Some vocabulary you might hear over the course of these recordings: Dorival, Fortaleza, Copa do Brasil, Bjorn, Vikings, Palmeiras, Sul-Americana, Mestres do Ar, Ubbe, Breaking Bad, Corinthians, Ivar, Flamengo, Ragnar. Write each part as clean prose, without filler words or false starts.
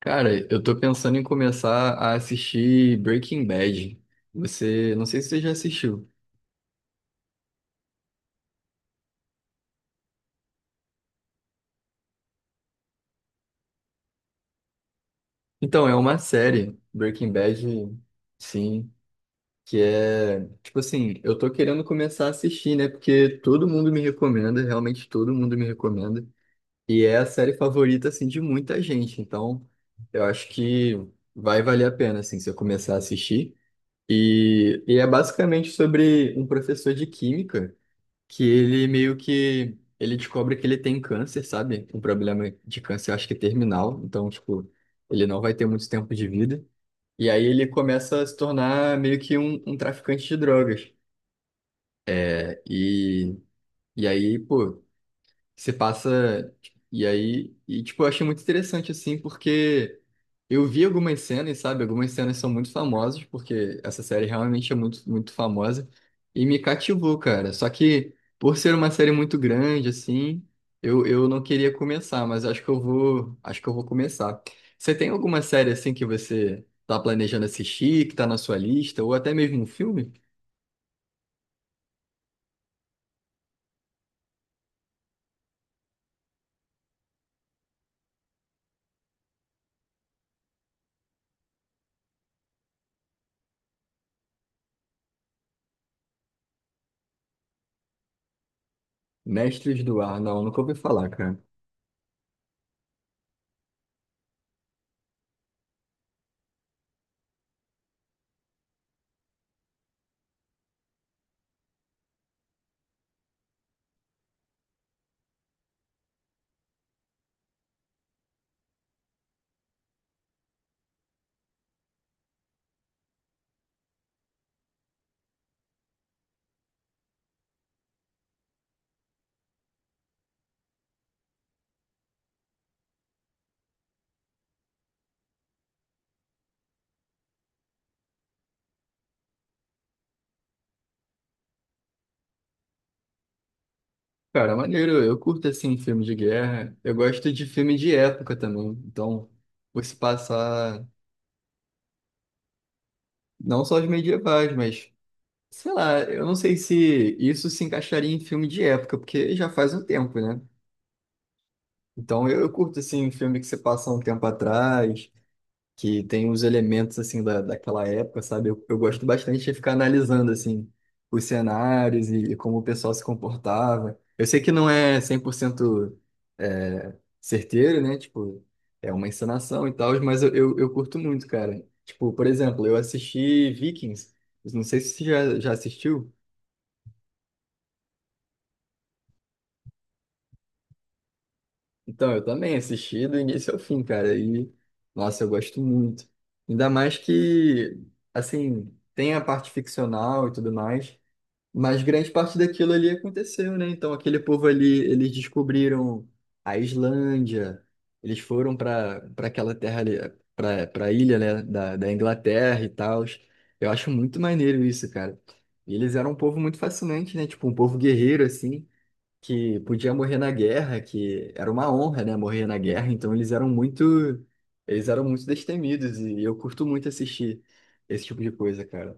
Cara, eu tô pensando em começar a assistir Breaking Bad. Você, não sei se você já assistiu. Então, é uma série, Breaking Bad, sim, que é, tipo assim, eu tô querendo começar a assistir, né? Porque todo mundo me recomenda, realmente todo mundo me recomenda. E é a série favorita, assim, de muita gente. Então, eu acho que vai valer a pena, assim, se eu começar a assistir. E é basicamente sobre um professor de química que ele meio que ele descobre que ele tem câncer, sabe? Um problema de câncer, acho que terminal. Então, tipo, ele não vai ter muito tempo de vida. E aí ele começa a se tornar meio que um traficante de drogas. É, E, e aí, pô. Você passa. E aí. E, tipo, eu achei muito interessante, assim, porque eu vi algumas cenas, sabe? Algumas cenas são muito famosas, porque essa série realmente é muito, muito famosa. E me cativou, cara. Só que, por ser uma série muito grande, assim, eu não queria começar, mas acho que eu vou. Acho que eu vou começar. Você tem alguma série, assim, que você tá planejando assistir, que tá na sua lista, ou até mesmo um filme? Mestres do Ar. Não, nunca ouvi falar, cara. Cara, maneiro, eu curto assim filme de guerra. Eu gosto de filme de época também. Então, por se passar não só os medievais, mas sei lá, eu não sei se isso se encaixaria em filme de época, porque já faz um tempo, né? Então, eu curto assim filme que se passa um tempo atrás, que tem os elementos assim daquela época, sabe? Eu gosto bastante de ficar analisando assim os cenários e como o pessoal se comportava. Eu sei que não é 100% é, certeiro, né? Tipo, é uma encenação e tal, mas eu curto muito, cara. Tipo, por exemplo, eu assisti Vikings. Eu não sei se você já assistiu. Então, eu também assisti do início ao fim, cara. E, nossa, eu gosto muito. Ainda mais que, assim, tem a parte ficcional e tudo mais, mas grande parte daquilo ali aconteceu, né? Então aquele povo ali, eles descobriram a Islândia, eles foram para aquela terra ali, para a ilha, né, da Inglaterra e tal. Eu acho muito maneiro isso, cara. E eles eram um povo muito fascinante, né? Tipo, um povo guerreiro, assim, que podia morrer na guerra, que era uma honra, né, morrer na guerra. Então eles eram muito destemidos e eu curto muito assistir esse tipo de coisa, cara.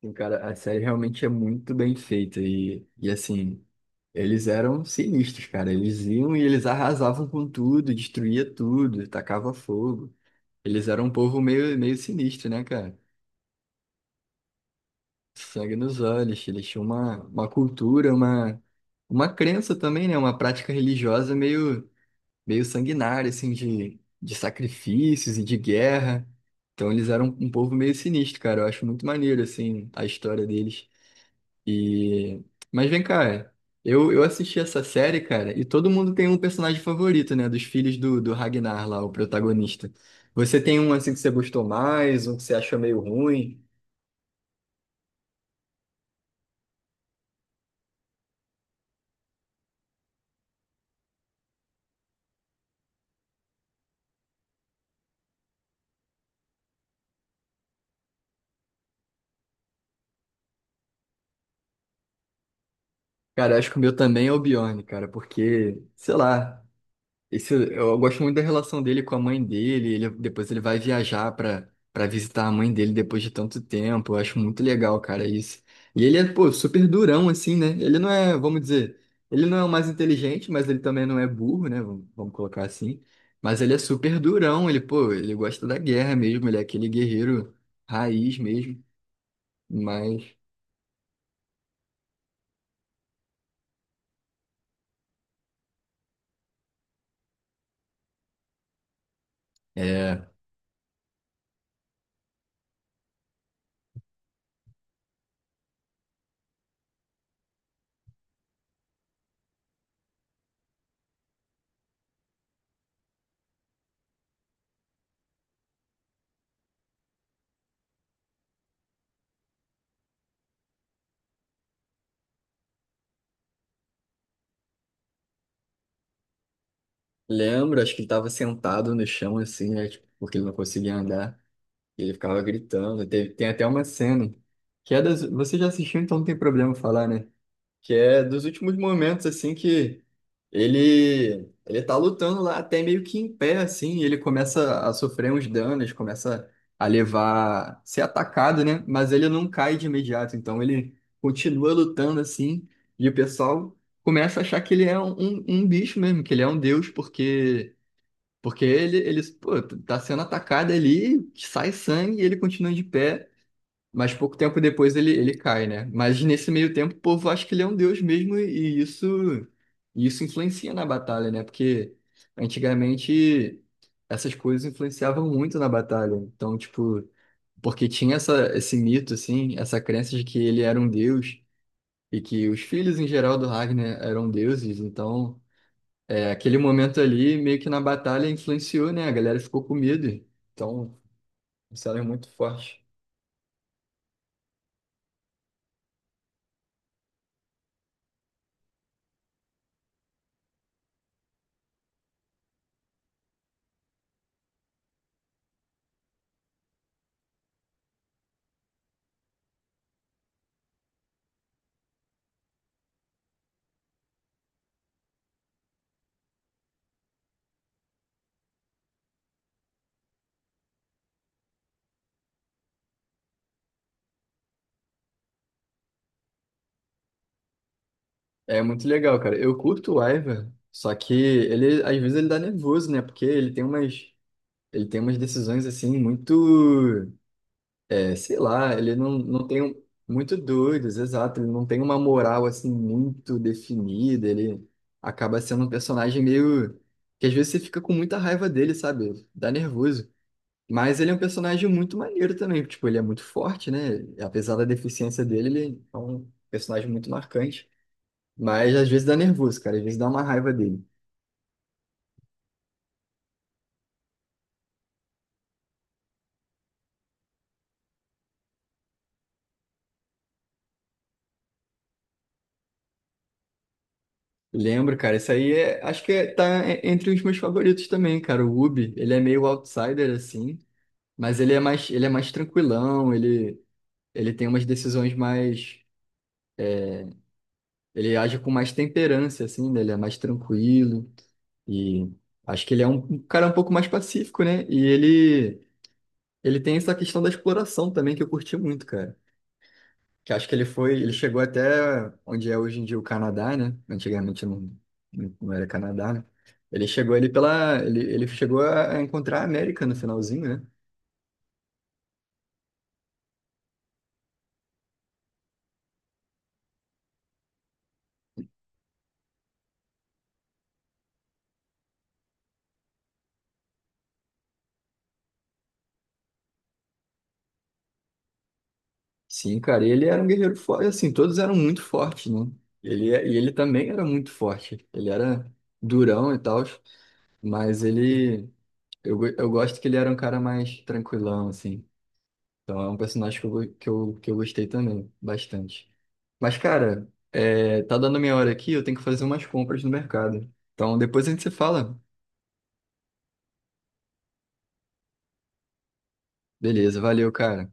Sim, cara, a série realmente é muito bem feita e assim, eles eram sinistros, cara. Eles iam e eles arrasavam com tudo, destruía tudo, tacava fogo. Eles eram um povo meio, meio sinistro, né, cara? Sangue nos olhos, eles tinham uma cultura, uma crença também, né? Uma prática religiosa meio, meio sanguinária, assim, de sacrifícios e de guerra. Então eles eram um povo meio sinistro, cara. Eu acho muito maneiro, assim, a história deles. E... Mas vem cá, é. Eu assisti essa série, cara, e todo mundo tem um personagem favorito, né? Dos filhos do Ragnar lá, o protagonista. Você tem um assim que você gostou mais, um que você achou meio ruim? Cara, acho que o meu também é o Bjorn, cara, porque, sei lá. Esse, eu gosto muito da relação dele com a mãe dele. Ele, depois ele vai viajar para visitar a mãe dele depois de tanto tempo. Eu acho muito legal, cara, isso. E ele é, pô, super durão, assim, né? Ele não é, vamos dizer, ele não é o mais inteligente, mas ele também não é burro, né? Vamos colocar assim. Mas ele é super durão. Ele, pô, ele gosta da guerra mesmo. Ele é aquele guerreiro raiz mesmo. Mas, é. Lembro, acho que ele tava sentado no chão, assim, né? Tipo, porque ele não conseguia andar. E ele ficava gritando. Tem até uma cena que é das. Você já assistiu, então não tem problema falar, né? Que é dos últimos momentos, assim, que ele tá lutando lá até meio que em pé, assim. E ele começa a sofrer uns danos, começa a levar, ser atacado, né? Mas ele não cai de imediato, então ele continua lutando assim. E o pessoal começa a achar que ele é um bicho mesmo, que ele é um deus, porque ele, eles, pô, tá sendo atacado ali, sai sangue e ele continua de pé, mas pouco tempo depois ele, ele cai, né? Mas nesse meio tempo, o povo acha que ele é um deus mesmo e isso influencia na batalha, né? Porque antigamente essas coisas influenciavam muito na batalha. Então, tipo, porque tinha essa, esse mito, assim, essa crença de que ele era um deus e que os filhos em geral do Ragnar eram deuses, então. É, aquele momento ali, meio que na batalha, influenciou, né? A galera ficou com medo. Então, isso era muito forte. É muito legal, cara. Eu curto o Ivar, só que ele, às vezes, ele dá nervoso, né? Porque ele tem umas decisões, assim, muito, sei lá, ele não, não tem um- muito doidos, exato. Ele não tem uma moral, assim, muito definida. Ele acaba sendo um personagem meio, que às vezes você fica com muita raiva dele, sabe? Dá nervoso. Mas ele é um personagem muito maneiro também, tipo, ele é muito forte, né? Apesar da deficiência dele, ele é um personagem muito marcante. Mas às vezes dá nervoso, cara, às vezes dá uma raiva dele. Lembro, cara, isso aí é, acho que entre os meus favoritos também, cara. O Ubi, ele é meio outsider assim, mas ele é mais tranquilão, ele tem umas decisões mais, ele age com mais temperança assim, né? Ele é mais tranquilo e acho que ele é um cara um pouco mais pacífico, né? Ele tem essa questão da exploração também que eu curti muito, cara. Que acho que ele chegou até onde é hoje em dia o Canadá, né? Antigamente não, não era Canadá, né? Ele chegou ali pela, ele chegou a encontrar a América no finalzinho, né? Sim, cara, ele era um guerreiro forte, assim, todos eram muito fortes, né? Ele também era muito forte. Ele era durão e tal, mas ele, eu gosto que ele era um cara mais tranquilão, assim. Então é um personagem que eu gostei também, bastante. Mas, cara, é, tá dando minha hora aqui, eu tenho que fazer umas compras no mercado. Então depois a gente se fala. Beleza, valeu, cara.